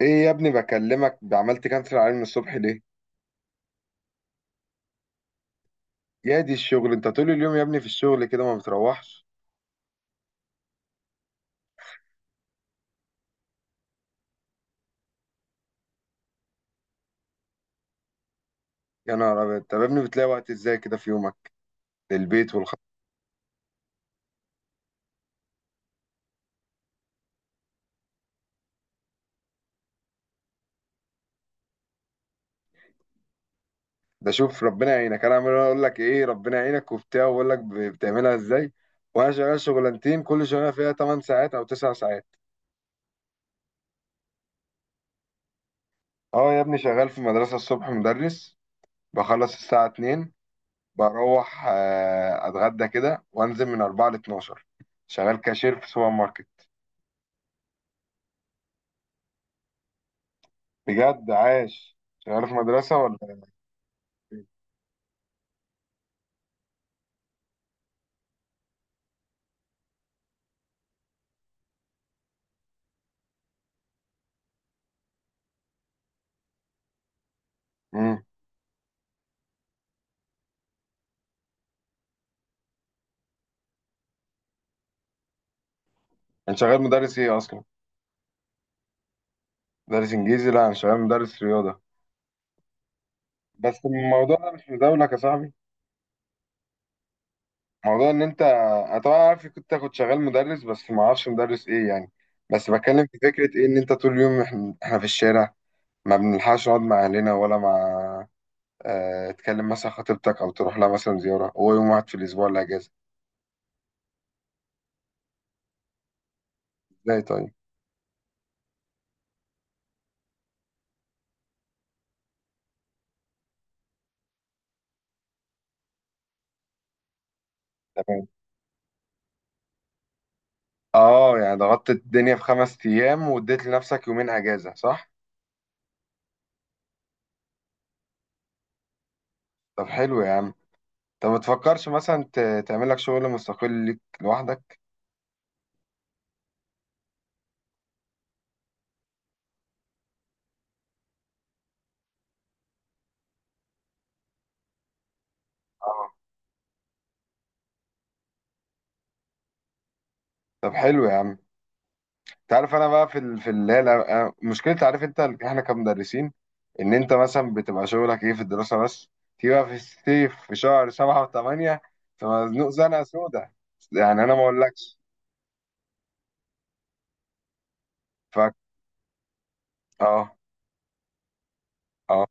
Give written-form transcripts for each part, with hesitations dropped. ايه يا ابني؟ بكلمك عملت كانسل عليه من الصبح ليه؟ يا دي الشغل، انت طول اليوم يا ابني في الشغل كده، ما بتروحش؟ يا نهار ابيض، طب يا ابني بتلاقي وقت ازاي كده في يومك للبيت ده شوف ربنا يعينك، انا عمال اقول لك ايه ربنا يعينك وبتاع، واقول لك بتعملها ازاي؟ وانا شغال شغلانتين، كل شغلانه فيها 8 ساعات او 9 ساعات. اه يا ابني شغال في مدرسه الصبح مدرس، بخلص الساعه 2، بروح اتغدى كده وانزل من 4 ل 12 شغال كاشير في سوبر ماركت. بجد عاش، شغال في مدرسة ولا فين؟ امم. انت شغال مدرس ايه اصلا؟ مدرس انجليزي، لا انا شغال مدرس رياضة. بس الموضوع ده مش مداولك يا صاحبي، موضوع ان انت انا طبعا عارف كنت اخد شغال مدرس، بس ما اعرفش مدرس ايه يعني. بس بتكلم في فكرة ايه، ان انت طول اليوم إحنا في الشارع، ما بنلحقش نقعد مع اهلنا ولا مع، اه تكلم مثلا خطيبتك او تروح لها مثلا زيارة، هو يوم واحد في الاسبوع اللي اجازة. ازاي طيب؟ تمام. اه يعني ضغطت الدنيا في 5 ايام واديت لنفسك يومين اجازة صح. طب حلو يا عم. طب ما تفكرش مثلا تعمل لك شغل مستقل ليك لوحدك. اه. طب حلو يا عم. تعرف انا بقى في اللي هي مشكلة، عارف انت احنا كمدرسين، ان انت مثلا بتبقى شغلك ايه في الدراسة بس، تيجي بقى في الصيف في شهر 7 وثمانية، فمزنوق زنقة سودة. يعني انا ما اقولكش. ف. اه. اه.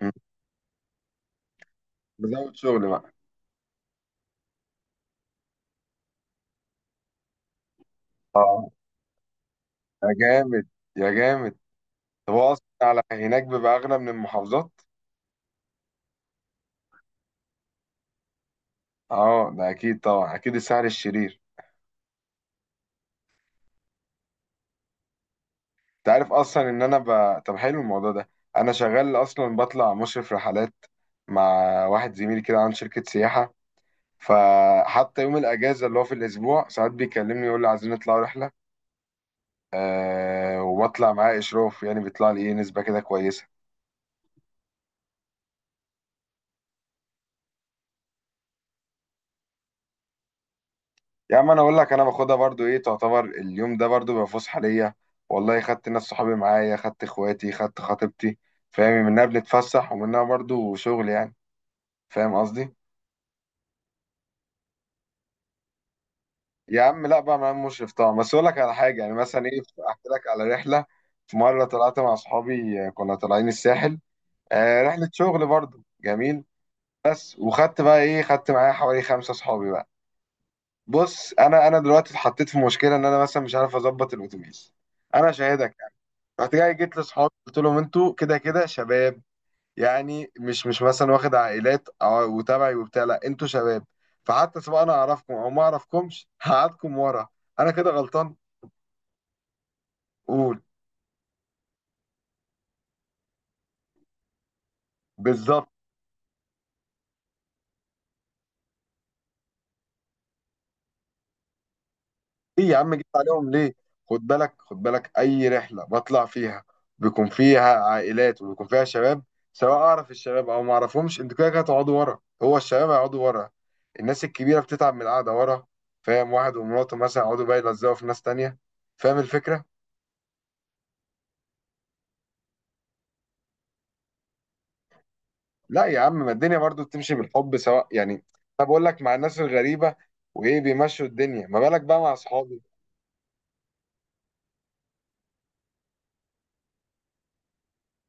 م. بزود شغل بقى. اه. يا جامد. يا جامد. طب هو اصلا على هناك بيبقى اغلى من المحافظات؟ اه. ده اكيد طبعا، اكيد السعر الشرير. انت عارف اصلا ان انا طب حلو الموضوع ده. انا شغال اصلا بطلع مشرف رحلات، مع واحد زميلي كده عن شركة سياحة، فحتى يوم الاجازة اللي هو في الاسبوع ساعات بيكلمني يقول لي عايزين نطلع رحلة. وبطلع معاه اشراف، يعني بيطلع لي ايه نسبة كده كويسة. يا عم انا اقول لك انا باخدها برضو ايه، تعتبر اليوم ده برضو بيبقى فسحة ليا، والله خدت ناس صحابي معايا، خدت اخواتي، خدت خطيبتي. فاهم منها بنتفسح ومنها برضو شغل يعني، فاهم قصدي. يا عم لا بقى معايا مشرف طبعا، بس اقول لك على حاجه يعني مثلا ايه، احكي لك على رحله. في مره طلعت مع اصحابي، كنا طالعين الساحل، رحله شغل برضو جميل. بس وخدت بقى ايه، خدت معايا حوالي خمسه اصحابي بقى. بص انا دلوقتي اتحطيت في مشكله، ان انا مثلا مش عارف اظبط الاتوبيس، انا شاهدك يعني. رحت جيت لاصحابي، قلت لهم انتوا كده كده شباب، يعني مش مثلا واخد عائلات وتبعي وبتاع، لا انتوا شباب، فحتى سواء انا اعرفكم او ما اعرفكمش هقعدكم ورا. انا كده غلطان. قول. بالظبط. ايه يا عم جيت عليهم ليه؟ خد بالك خد بالك، اي رحله بطلع فيها بيكون فيها عائلات وبيكون فيها شباب، سواء اعرف الشباب او ما اعرفهمش انتوا كده كده هتقعدوا ورا، هو الشباب هيقعدوا ورا، الناس الكبيره بتتعب من القعده ورا، فاهم؟ واحد ومراته مثلا يقعدوا بقى يلزقوا في ناس تانية، فاهم الفكره؟ لا يا عم ما الدنيا برضو بتمشي بالحب سواء يعني، انا بقول لك مع الناس الغريبه وايه بيمشوا الدنيا، ما بالك بقى مع اصحابك.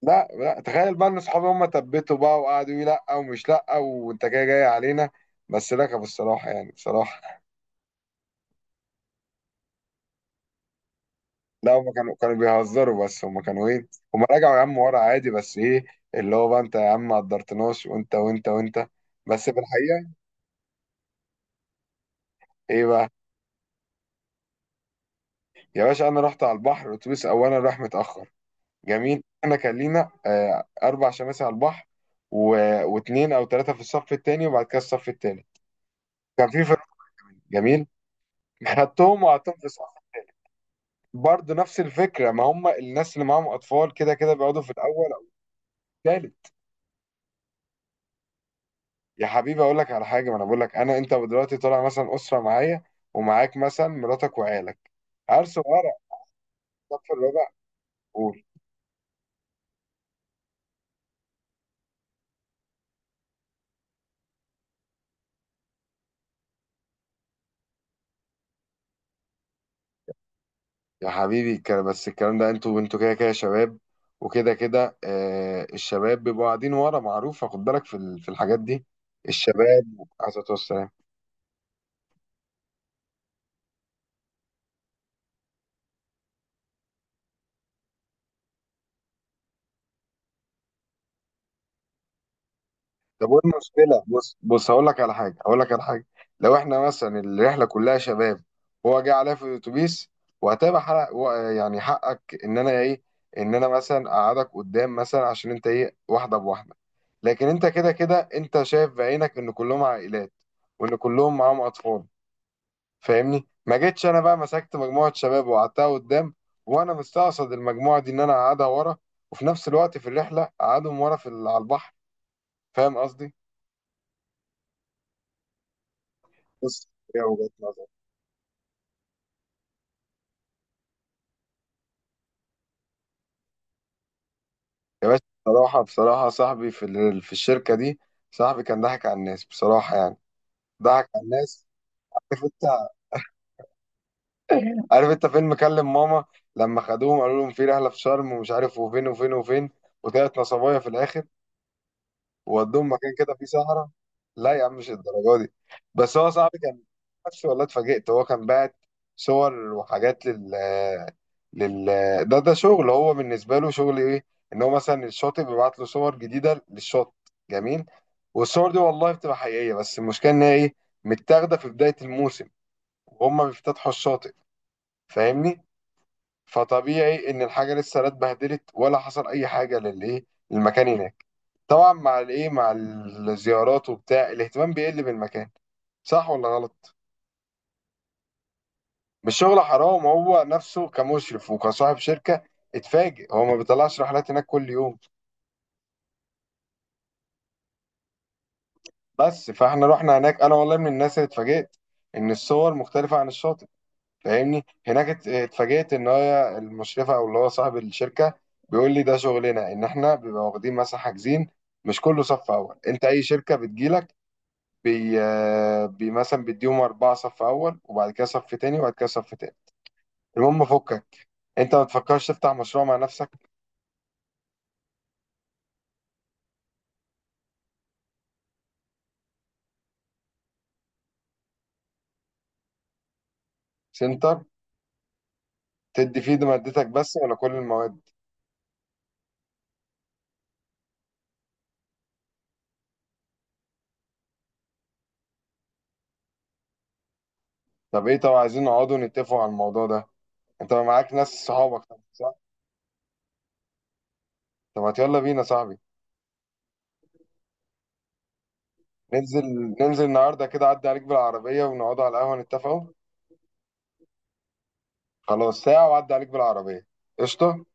لا لا تخيل بقى ان اصحابي هم تبتوا بقى، وقعدوا يقولوا لا ومش لا وانت جاي جاي علينا، بس ركبوا الصراحه يعني بصراحه. لا هم كانوا بيهزروا، بس هم كانوا ايه، هم رجعوا يا عم ورا عادي، بس ايه اللي هو بقى انت يا عم ما قدرتناش وانت وانت وانت، بس في الحقيقه، ايه بقى؟ يا باشا انا رحت على البحر الاتوبيس اولا راح متاخر، جميل احنا كان لينا اربع شماسي على البحر و... واثنين او ثلاثه في الصف الثاني وبعد كده الصف الثالث، كان في فرق، جميل. خدتهم وقعدتهم في، برضه نفس الفكره ما هم الناس اللي معاهم اطفال كده كده بيقعدوا في الاول او الثالث. يا حبيبي اقول لك على حاجه، ما انا بقول لك انا انت دلوقتي طالع مثلا اسره معايا، ومعاك مثلا مراتك وعيالك، عرس وقرع، الصف الرابع. قول. يا حبيبي بس الكلام ده، انتوا كده كده شباب، وكده كده الشباب بيبقوا قاعدين ورا معروفه، خد بالك في الحاجات دي الشباب، عليه الصلاه والسلام. طب وايه المشكله، بص بص هقول لك على حاجه، هقول لك على حاجه، لو احنا مثلا الرحله كلها شباب، هو جه عليا في الاتوبيس وهتبقى حق يعني حقك ان انا ايه، ان انا مثلا اقعدك قدام مثلا عشان انت ايه واحده بواحده، لكن انت كده كده انت شايف بعينك ان كلهم عائلات وان كلهم معاهم اطفال، فاهمني؟ ما جيتش انا بقى مسكت مجموعه شباب وقعدتها قدام، وانا مستقصد المجموعه دي ان انا اقعدها ورا، وفي نفس الوقت في الرحله اقعدهم ورا على البحر. فاهم قصدي؟ بص، هي وجهة نظر. يا باشا بصراحة بصراحة، صاحبي في الشركة دي، صاحبي كان ضحك على الناس بصراحة يعني، ضحك على الناس. عارف انت، عارف انت فيلم كلم ماما؟ لما خدوهم قالوا لهم في رحلة في شرم ومش عارف وفين وفين وفين، وطلعت نصبايا في الآخر، وودوهم مكان كده فيه سهرة. لا يا عم مش الدرجة دي، بس هو صاحبي كان نفسه، والله اتفاجئت، هو كان باعت صور وحاجات لل لل ده شغل، هو بالنسبة له شغل ايه، ان هو مثلا الشاطئ بيبعت له صور جديدة للشط، جميل. والصور دي والله بتبقى حقيقية، بس المشكلة ان هي ايه، متاخدة في بداية الموسم وهم بيفتتحوا الشاطئ، فاهمني؟ فطبيعي ان الحاجة لسه لا اتبهدلت ولا حصل اي حاجة للايه للمكان هناك، طبعا مع الايه، مع الزيارات وبتاع الاهتمام بيقل بالمكان، صح ولا غلط؟ مش شغل حرام، هو نفسه كمشرف وكصاحب شركة اتفاجئ، هو ما بيطلعش رحلات هناك كل يوم. بس فاحنا رحنا هناك انا والله من الناس اللي اتفاجئت ان الصور مختلفة عن الشاطئ. فاهمني؟ هناك اتفاجئت ان هي المشرفة او اللي هو صاحب الشركة بيقول لي ده شغلنا، ان احنا بيبقى واخدين مثلا حاجزين مش كله صف اول، انت اي شركة بتجيلك بي مثلا بيديهم أربعة صف أول وبعد كده صف تاني وبعد كده صف تاني. المهم فكك، أنت ما تفكرش تفتح مشروع مع نفسك، سنتر تدي فيه دي مادتك بس ولا كل المواد؟ طب إيه، طب عايزين نقعدوا نتفقوا على الموضوع ده، أنت معاك ناس صحابك طب صح. طب ما يلا بينا يا صاحبي، ننزل، ننزل النهاردة كده أعدي عليك بالعربية ونقعدوا على القهوة نتفقوا. خلاص ساعة وأعدي عليك بالعربية. قشطة.